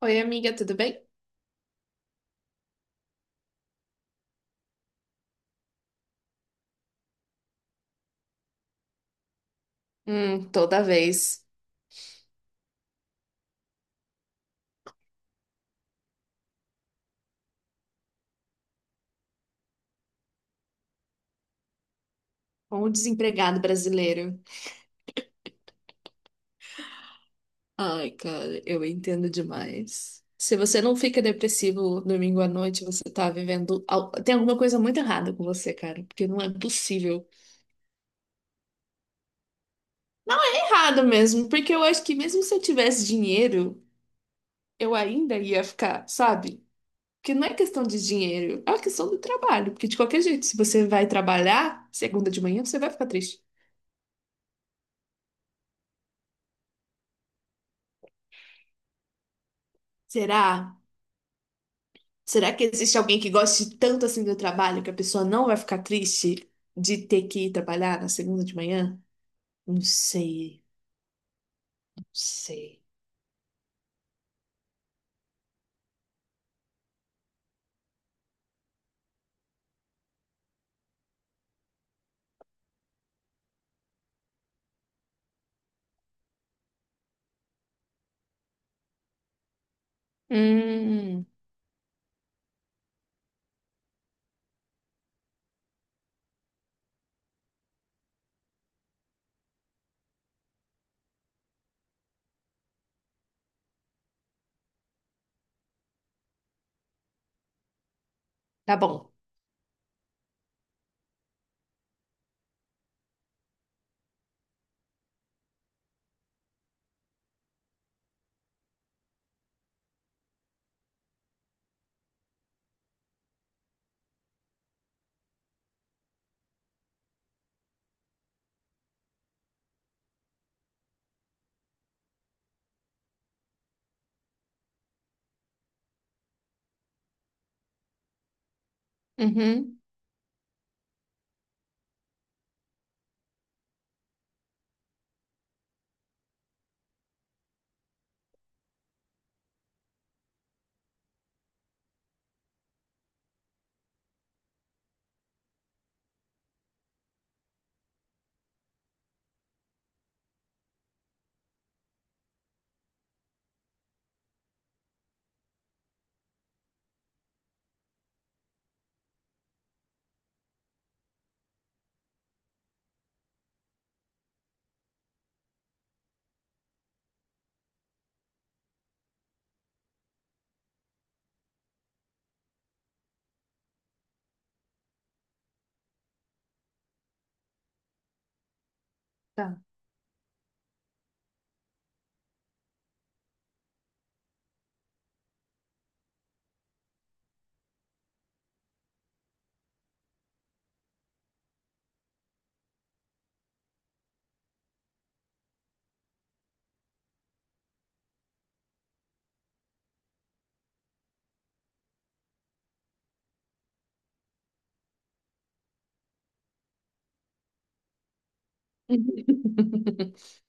Oi, amiga, tudo bem? Toda vez. Com o desempregado brasileiro. Ai, cara, eu entendo demais. Se você não fica depressivo domingo à noite, você tá vivendo. Tem alguma coisa muito errada com você, cara, porque não é possível. Errado mesmo, porque eu acho que mesmo se eu tivesse dinheiro, eu ainda ia ficar, sabe? Porque não é questão de dinheiro, é uma questão do trabalho. Porque de qualquer jeito, se você vai trabalhar segunda de manhã, você vai ficar triste. Será? Será que existe alguém que goste tanto assim do trabalho que a pessoa não vai ficar triste de ter que ir trabalhar na segunda de manhã? Não sei, não sei. Hum, tá bom. Uhum, tá.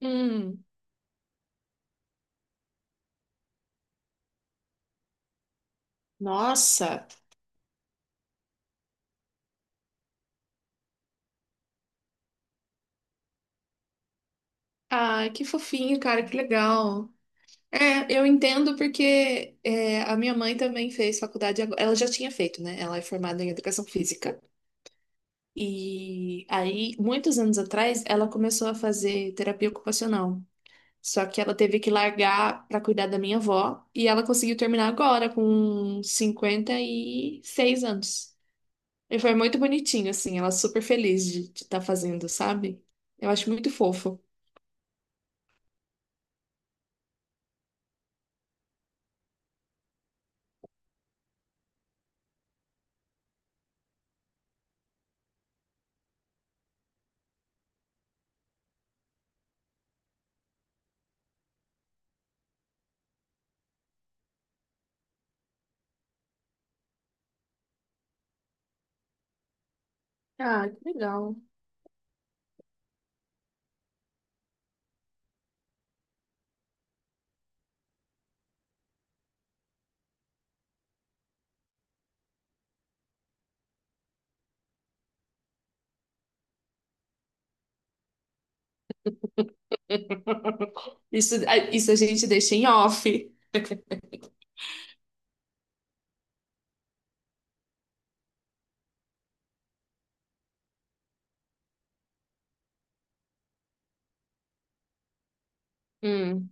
Hum, nossa. Ah, que fofinho, cara, que legal. É, eu entendo porque é, a minha mãe também fez faculdade, ela já tinha feito, né? Ela é formada em educação física. E aí, muitos anos atrás, ela começou a fazer terapia ocupacional. Só que ela teve que largar para cuidar da minha avó. E ela conseguiu terminar agora, com 56 anos. E foi muito bonitinho, assim. Ela super feliz de estar fazendo, sabe? Eu acho muito fofo. Ah, que legal. Isso, isso a gente deixa em off. Hum.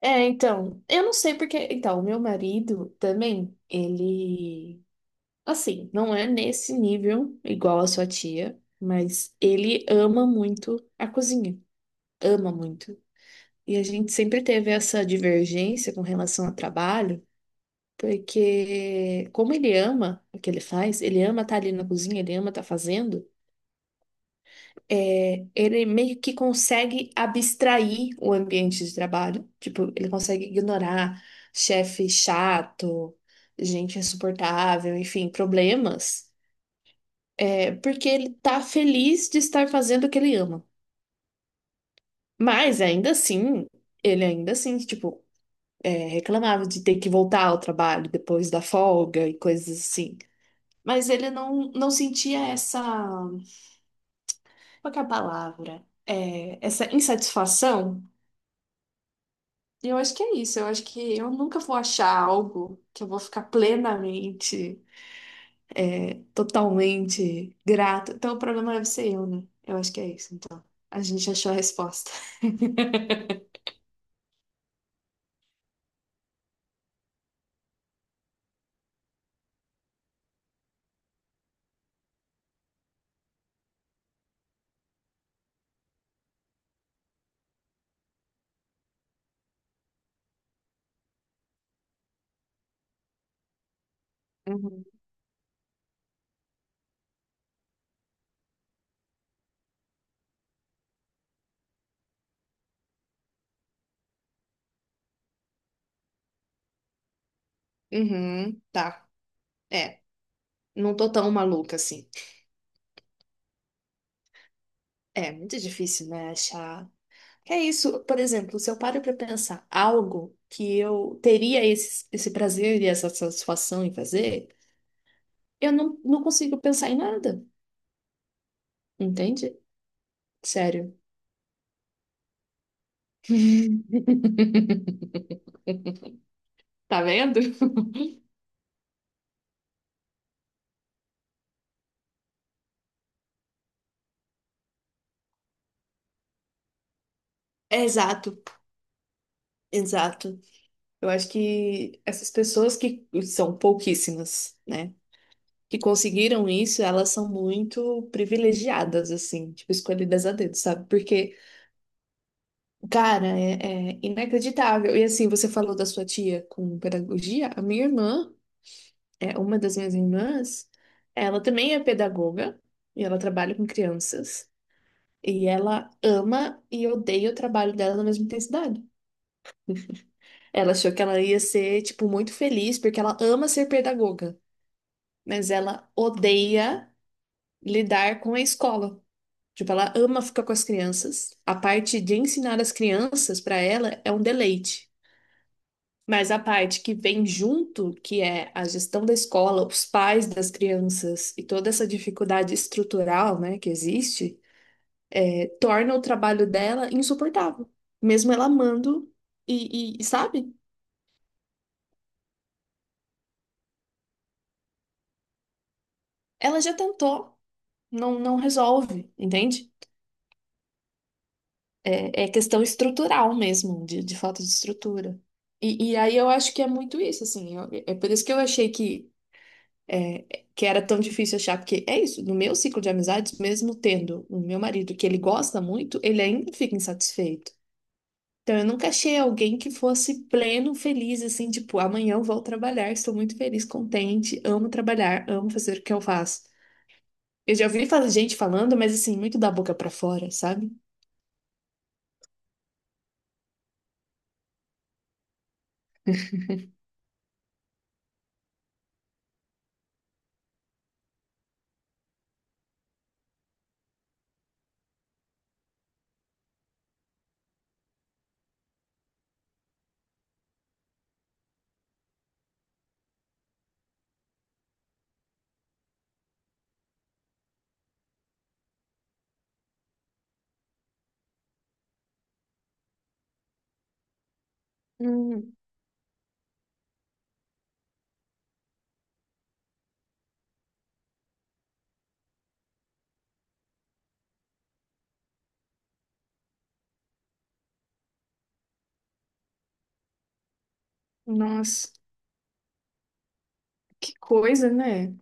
É, então, eu não sei porque. Então, o meu marido também, ele. Assim, não é nesse nível igual a sua tia, mas ele ama muito a cozinha. Ama muito. E a gente sempre teve essa divergência com relação ao trabalho, porque como ele ama o que ele faz, ele ama estar ali na cozinha, ele ama estar fazendo, ele meio que consegue abstrair o ambiente de trabalho. Tipo, ele consegue ignorar chefe chato, gente insuportável, enfim, problemas. É porque ele tá feliz de estar fazendo o que ele ama. Mas ainda assim, ele ainda assim, tipo, reclamava de ter que voltar ao trabalho depois da folga e coisas assim. Mas ele não, não sentia essa. Qual que é a palavra? É, essa insatisfação. E eu acho que é isso. Eu acho que eu nunca vou achar algo que eu vou ficar plenamente, totalmente grata. Então o problema deve ser eu, né? Eu acho que é isso. Então, a gente achou a resposta. Uhum, tá. É, não tô tão maluca assim. É muito difícil, né, achar. Que é isso, por exemplo, se eu paro pra pensar algo que eu teria esse, esse prazer e essa satisfação em fazer, eu não, não consigo pensar em nada, entende? Sério. Tá vendo? É, exato, exato. Eu acho que essas pessoas que são pouquíssimas, né? Que conseguiram isso, elas são muito privilegiadas, assim, tipo, escolhidas a dedo, sabe? Porque, cara, é, é inacreditável. E assim, você falou da sua tia com pedagogia, a minha irmã, é uma das minhas irmãs, ela também é pedagoga e ela trabalha com crianças. E ela ama e odeia o trabalho dela na mesma intensidade. Ela achou que ela ia ser, tipo, muito feliz, porque ela ama ser pedagoga, mas ela odeia lidar com a escola. Tipo, ela ama ficar com as crianças. A parte de ensinar as crianças para ela é um deleite. Mas a parte que vem junto, que é a gestão da escola, os pais das crianças e toda essa dificuldade estrutural, né, que existe, torna o trabalho dela insuportável. Mesmo ela amando sabe? Ela já tentou, não, não resolve, entende? É, é questão estrutural mesmo, de falta de estrutura. E aí eu acho que é muito isso, assim. É por isso que eu achei que é, que era tão difícil achar, porque é isso, no meu ciclo de amizades, mesmo tendo o meu marido que ele gosta muito, ele ainda fica insatisfeito. Então eu nunca achei alguém que fosse pleno, feliz, assim, tipo, amanhã eu vou trabalhar, estou muito feliz, contente, amo trabalhar, amo fazer o que eu faço. Eu já ouvi gente falando, mas assim, muito da boca pra fora, sabe? Hum, Nossa, que coisa, né?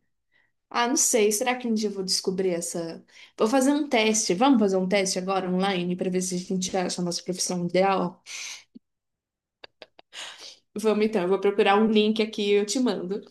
Ah, não sei. Será que um dia eu vou descobrir essa? Vou fazer um teste. Vamos fazer um teste agora online para ver se a gente acha a nossa profissão ideal? Vamos então, eu vou procurar um link aqui e eu te mando.